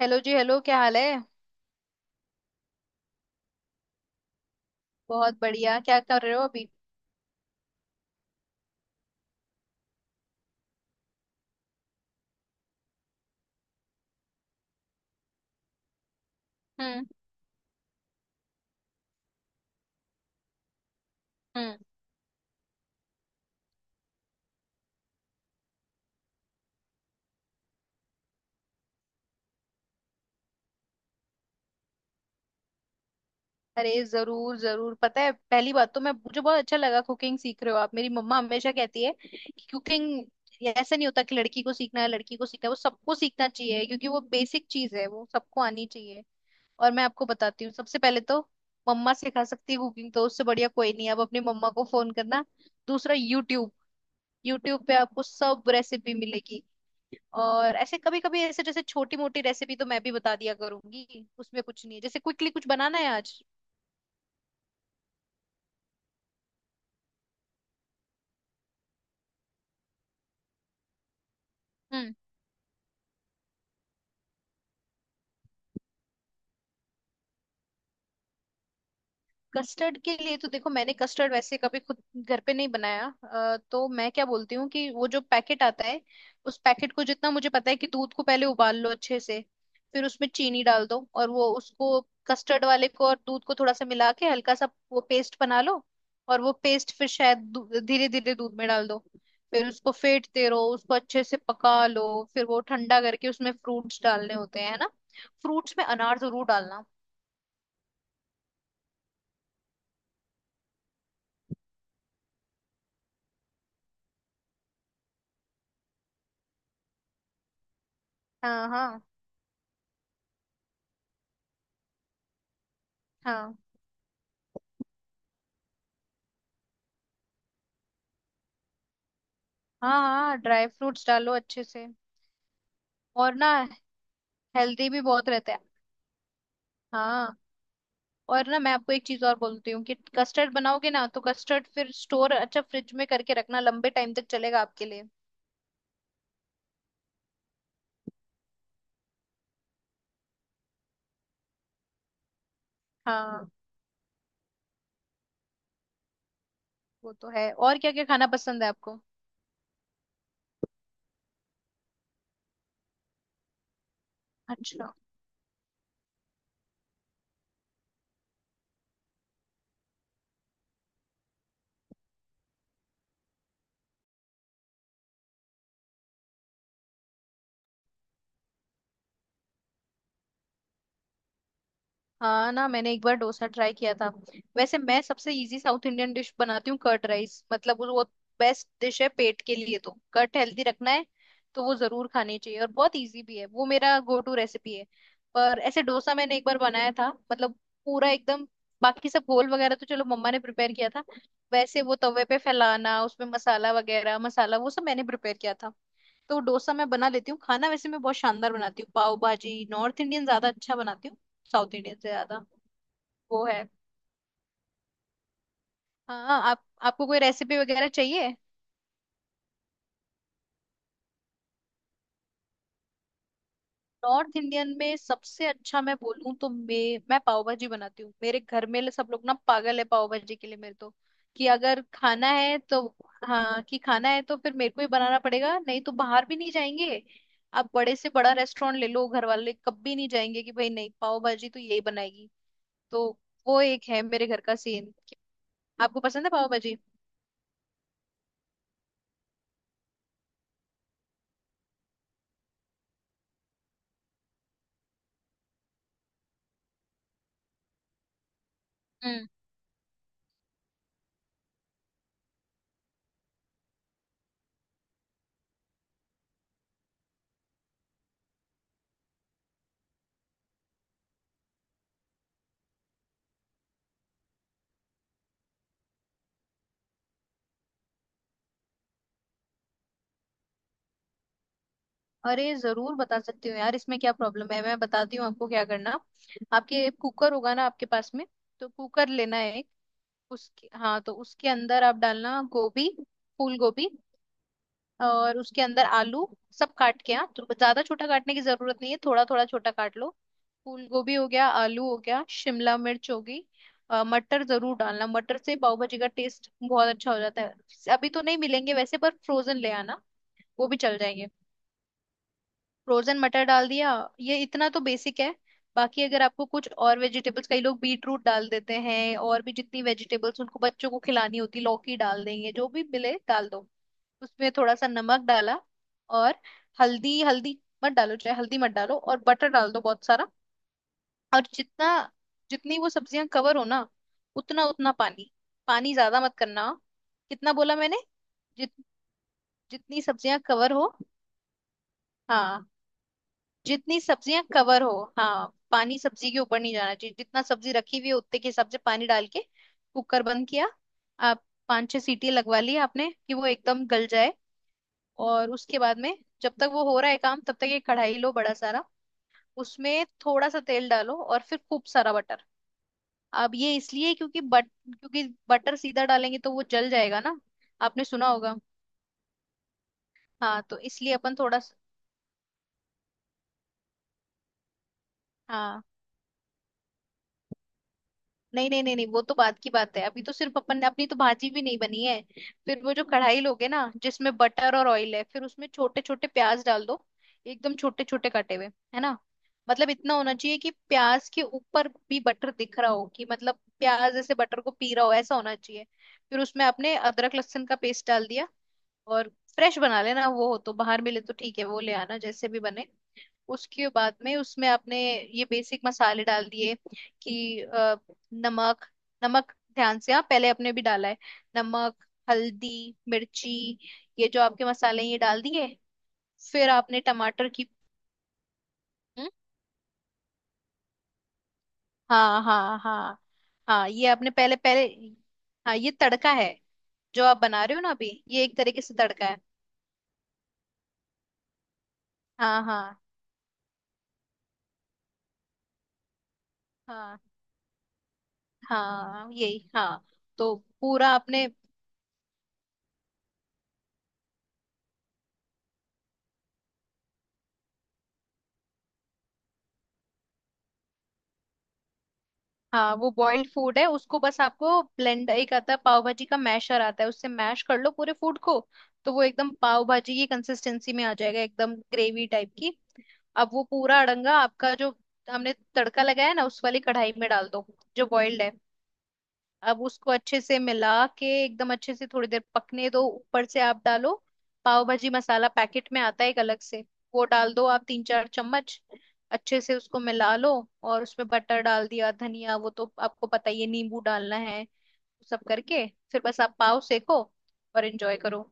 Hello जी। Hello, क्या हाल है। बहुत बढ़िया। क्या कर रहे हो अभी। हम्म। हम्म। अरे जरूर जरूर, पता है, पहली बात तो मैं मुझे बहुत अच्छा लगा कुकिंग सीख रहे हो आप। मेरी मम्मा हमेशा कहती है कि कुकिंग ऐसा नहीं होता कि लड़की को सीखना है, लड़की को सीखना है, वो सबको सीखना चाहिए क्योंकि वो बेसिक चीज है, वो सबको आनी चाहिए। और मैं आपको बताती हूँ, सबसे पहले तो मम्मा सिखा सकती है कुकिंग, तो उससे बढ़िया कोई नहीं है। अब अपनी मम्मा को फोन करना। दूसरा यूट्यूब। यूट्यूब पे आपको सब रेसिपी मिलेगी। और ऐसे कभी कभी, ऐसे जैसे छोटी मोटी रेसिपी तो मैं भी बता दिया करूंगी, उसमें कुछ नहीं है, जैसे क्विकली कुछ बनाना है आज। कस्टर्ड के लिए तो देखो, मैंने कस्टर्ड वैसे कभी खुद घर पे नहीं बनाया, तो मैं क्या बोलती हूँ कि वो जो पैकेट आता है उस पैकेट को, जितना मुझे पता है, कि दूध को पहले उबाल लो अच्छे से, फिर उसमें चीनी डाल दो, और वो उसको कस्टर्ड वाले को और दूध को थोड़ा सा मिला के हल्का सा वो पेस्ट बना लो। और वो पेस्ट फिर शायद धीरे धीरे दूध में डाल दो। फिर उसको फेंटते रहो, उसको अच्छे से पका लो, फिर वो ठंडा करके उसमें फ्रूट्स डालने होते हैं, है ना। फ्रूट्स में अनार जरूर डालना। हाँ, हाँ, हाँ, हाँ। हाँ, ड्राई फ्रूट्स डालो अच्छे से। और ना, हेल्दी भी बहुत रहता है। हाँ। और ना, मैं आपको एक चीज और बोलती हूँ कि कस्टर्ड बनाओगे ना, तो कस्टर्ड फिर स्टोर अच्छा फ्रिज में करके रखना, लंबे टाइम तक चलेगा आपके लिए। हाँ, वो तो है। और क्या क्या खाना पसंद है आपको। अच्छा। हाँ ना, मैंने एक बार डोसा ट्राई किया था। वैसे मैं सबसे इजी साउथ इंडियन डिश बनाती हूँ, कर्ड राइस, मतलब वो बेस्ट डिश है पेट के लिए, तो कर्ड हेल्दी रखना है तो वो जरूर खानी चाहिए, और बहुत इजी भी है, वो मेरा गो टू रेसिपी है। पर ऐसे डोसा मैंने एक बार बनाया था, मतलब पूरा एकदम। बाकी सब घोल वगैरह तो चलो मम्मा ने प्रिपेयर किया था, वैसे वो तवे पे फैलाना, उसमें मसाला वगैरह, मसाला वो सब मैंने प्रिपेयर किया था। तो डोसा मैं बना लेती हूँ, खाना वैसे मैं बहुत शानदार बनाती हूँ। पाव भाजी नॉर्थ इंडियन ज्यादा अच्छा बनाती हूँ, साउथ इंडियन से ज्यादा। वो है। हाँ, आप आपको कोई रेसिपी वगैरह चाहिए। नॉर्थ इंडियन में सबसे अच्छा मैं बोलूँ तो मैं पाव भाजी बनाती हूँ, मेरे घर में सब लोग ना पागल है पाव भाजी के लिए मेरे तो, कि अगर खाना है तो। हाँ, कि खाना है तो फिर मेरे को ही बनाना पड़ेगा, नहीं तो बाहर भी नहीं जाएंगे। आप बड़े से बड़ा रेस्टोरेंट ले लो, घर वाले कभी नहीं जाएंगे, कि भाई नहीं, पाव भाजी तो यही बनाएगी। तो वो एक है मेरे घर का सीन। आपको पसंद है पाव भाजी। हम्म। अरे जरूर बता सकती हूँ यार, इसमें क्या प्रॉब्लम है। मैं बताती हूँ आपको क्या करना। आपके कुकर होगा ना आपके पास में। तो कुकर लेना है एक। उसके हाँ, तो उसके अंदर आप डालना गोभी, फूल गोभी, और उसके अंदर आलू, सब काट के। हाँ, तो ज्यादा छोटा काटने की जरूरत नहीं है, थोड़ा थोड़ा छोटा काट लो। फूल गोभी हो गया, आलू हो गया, शिमला मिर्च होगी। मटर जरूर डालना, मटर से पाव भाजी का टेस्ट बहुत अच्छा हो जाता है। अभी तो नहीं मिलेंगे वैसे, पर फ्रोजन ले आना, वो भी चल जाएंगे। फ्रोजन मटर डाल दिया, ये इतना तो बेसिक है। बाकी अगर आपको कुछ और वेजिटेबल्स, कई लोग बीट रूट डाल देते हैं, और भी जितनी वेजिटेबल्स उनको बच्चों को खिलानी होती, लौकी डाल देंगे, जो भी मिले डाल दो। उसमें थोड़ा सा नमक डाला, और हल्दी, हल्दी मत डालो, चाहे हल्दी मत डालो, और बटर डाल दो बहुत सारा। और जितना, जितनी वो सब्जियां कवर हो ना, उतना उतना पानी, पानी ज्यादा मत करना। कितना बोला मैंने? जित जितनी सब्जियां कवर हो। हाँ, जितनी सब्जियां कवर हो। हाँ, पानी सब्जी के ऊपर नहीं जाना चाहिए, जितना सब्जी रखी हुई है उतने के हिसाब से पानी डाल के कुकर बंद किया आप। 5-6 सीटी लगवा ली आपने कि वो एकदम गल जाए। और उसके बाद में, जब तक वो हो रहा है काम, तब तक एक कढ़ाई लो बड़ा सारा, उसमें थोड़ा सा तेल डालो और फिर खूब सारा बटर। अब ये इसलिए, क्योंकि बटर सीधा डालेंगे तो वो जल जाएगा ना, आपने सुना होगा। हाँ, तो इसलिए अपन थोड़ा सा। हाँ, नहीं नहीं नहीं नहीं, वो तो बात की बात है, अभी तो सिर्फ अपन ने, अपनी तो भाजी भी नहीं बनी है। फिर वो जो कढ़ाई लोगे ना, जिसमें बटर और ऑयल है, फिर उसमें छोटे छोटे प्याज डाल दो, एकदम छोटे छोटे कटे हुए, है ना। मतलब इतना होना चाहिए कि प्याज के ऊपर भी बटर दिख रहा हो, कि मतलब प्याज ऐसे बटर को पी रहा हो, ऐसा होना चाहिए। फिर उसमें आपने अदरक लहसुन का पेस्ट डाल दिया, और फ्रेश बना लेना वो, हो तो, बाहर मिले तो ठीक है, वो ले आना, जैसे भी बने। उसके बाद में उसमें आपने ये बेसिक मसाले डाल दिए, कि नमक, नमक ध्यान से, हाँ पहले आपने भी डाला है, नमक, हल्दी, मिर्ची, ये जो आपके मसाले हैं ये डाल दिए, फिर आपने टमाटर की। हम्म? हाँ, हाँ, हाँ। हाँ, ये आपने पहले पहले, हाँ ये तड़का है, जो आप बना रहे हो ना अभी, ये एक तरीके से तड़का है। हाँ, हाँ, हाँ, हाँ यही, हाँ। तो पूरा आपने, हाँ वो बॉइल्ड फूड है, उसको बस आपको ब्लेंड, एक आता है पाव भाजी का मैशर आता है, उससे मैश कर लो पूरे फूड को, तो वो एकदम पाव भाजी की कंसिस्टेंसी में आ जाएगा, एकदम ग्रेवी टाइप की। अब वो पूरा अड़ंगा आपका, जो हमने तड़का लगाया है ना उस वाली कढ़ाई में डाल दो, जो बॉइल्ड है। अब उसको अच्छे से मिला के एकदम अच्छे से थोड़ी देर पकने दो, ऊपर से आप डालो पाव भाजी मसाला, पैकेट में आता है एक अलग से, वो डाल दो आप 3-4 चम्मच, अच्छे से उसको मिला लो, और उसमें बटर डाल दिया, धनिया वो तो आपको पता ही है, नींबू डालना है, सब करके फिर बस आप पाव सेको और एंजॉय करो।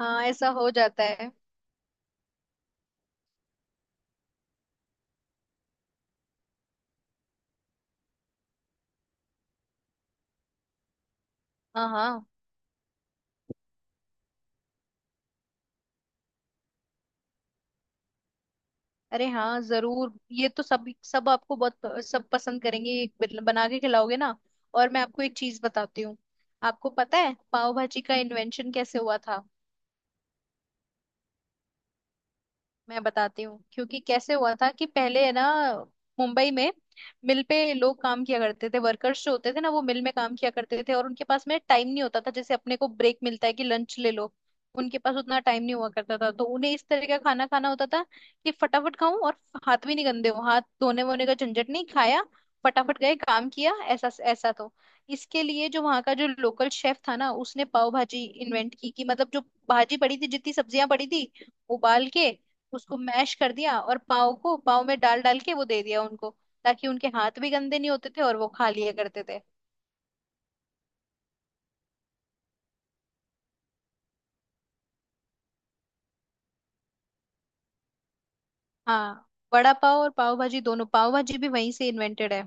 हाँ, ऐसा हो जाता है। हाँ, हाँ। अरे हाँ जरूर, ये तो सब, सब आपको बहुत, सब पसंद करेंगे ये बना के खिलाओगे ना। और मैं आपको एक चीज बताती हूँ, आपको पता है पाव भाजी का इन्वेंशन कैसे हुआ था। मैं बताती हूँ क्योंकि कैसे हुआ था, कि पहले है ना मुंबई में मिल पे लोग काम किया करते थे, वर्कर्स जो होते थे ना वो मिल में काम किया करते थे, और उनके पास में टाइम नहीं होता था, जैसे अपने को ब्रेक मिलता है कि लंच ले लो, उनके पास उतना टाइम नहीं हुआ करता था, तो उन्हें इस तरह का खाना खाना होता था कि फटाफट खाऊं, और हाथ भी नहीं गंदे हो, हाथ धोने वोने का झंझट नहीं, खाया फटाफट, गए काम किया, ऐसा ऐसा, तो इसके लिए जो वहाँ का जो लोकल शेफ था ना उसने पाव भाजी इन्वेंट की, कि मतलब जो भाजी पड़ी थी, जितनी सब्जियां पड़ी थी, उबाल के उसको मैश कर दिया, और पाव को पाव में डाल डाल के वो दे दिया उनको, ताकि उनके हाथ भी गंदे नहीं होते थे और वो खा लिया करते थे। हाँ, वड़ा पाव और पाव भाजी दोनों, पाव भाजी भी वहीं से इन्वेंटेड है।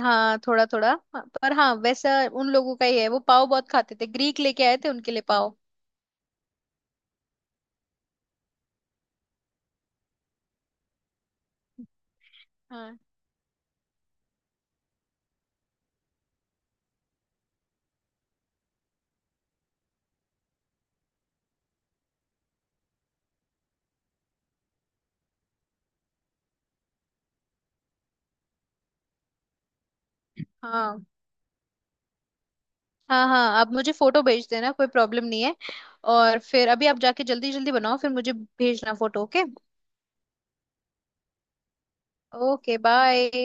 हाँ, थोड़ा थोड़ा। हाँ, पर हाँ वैसा उन लोगों का ही है, वो पाव बहुत खाते थे, ग्रीक लेके आए थे उनके लिए पाव। हाँ, हाँ। हाँ हाँ आप मुझे फोटो भेज देना, कोई प्रॉब्लम नहीं है, और फिर अभी आप जाके जल्दी जल्दी बनाओ, फिर मुझे भेजना फोटो, ओके। Okay, bye.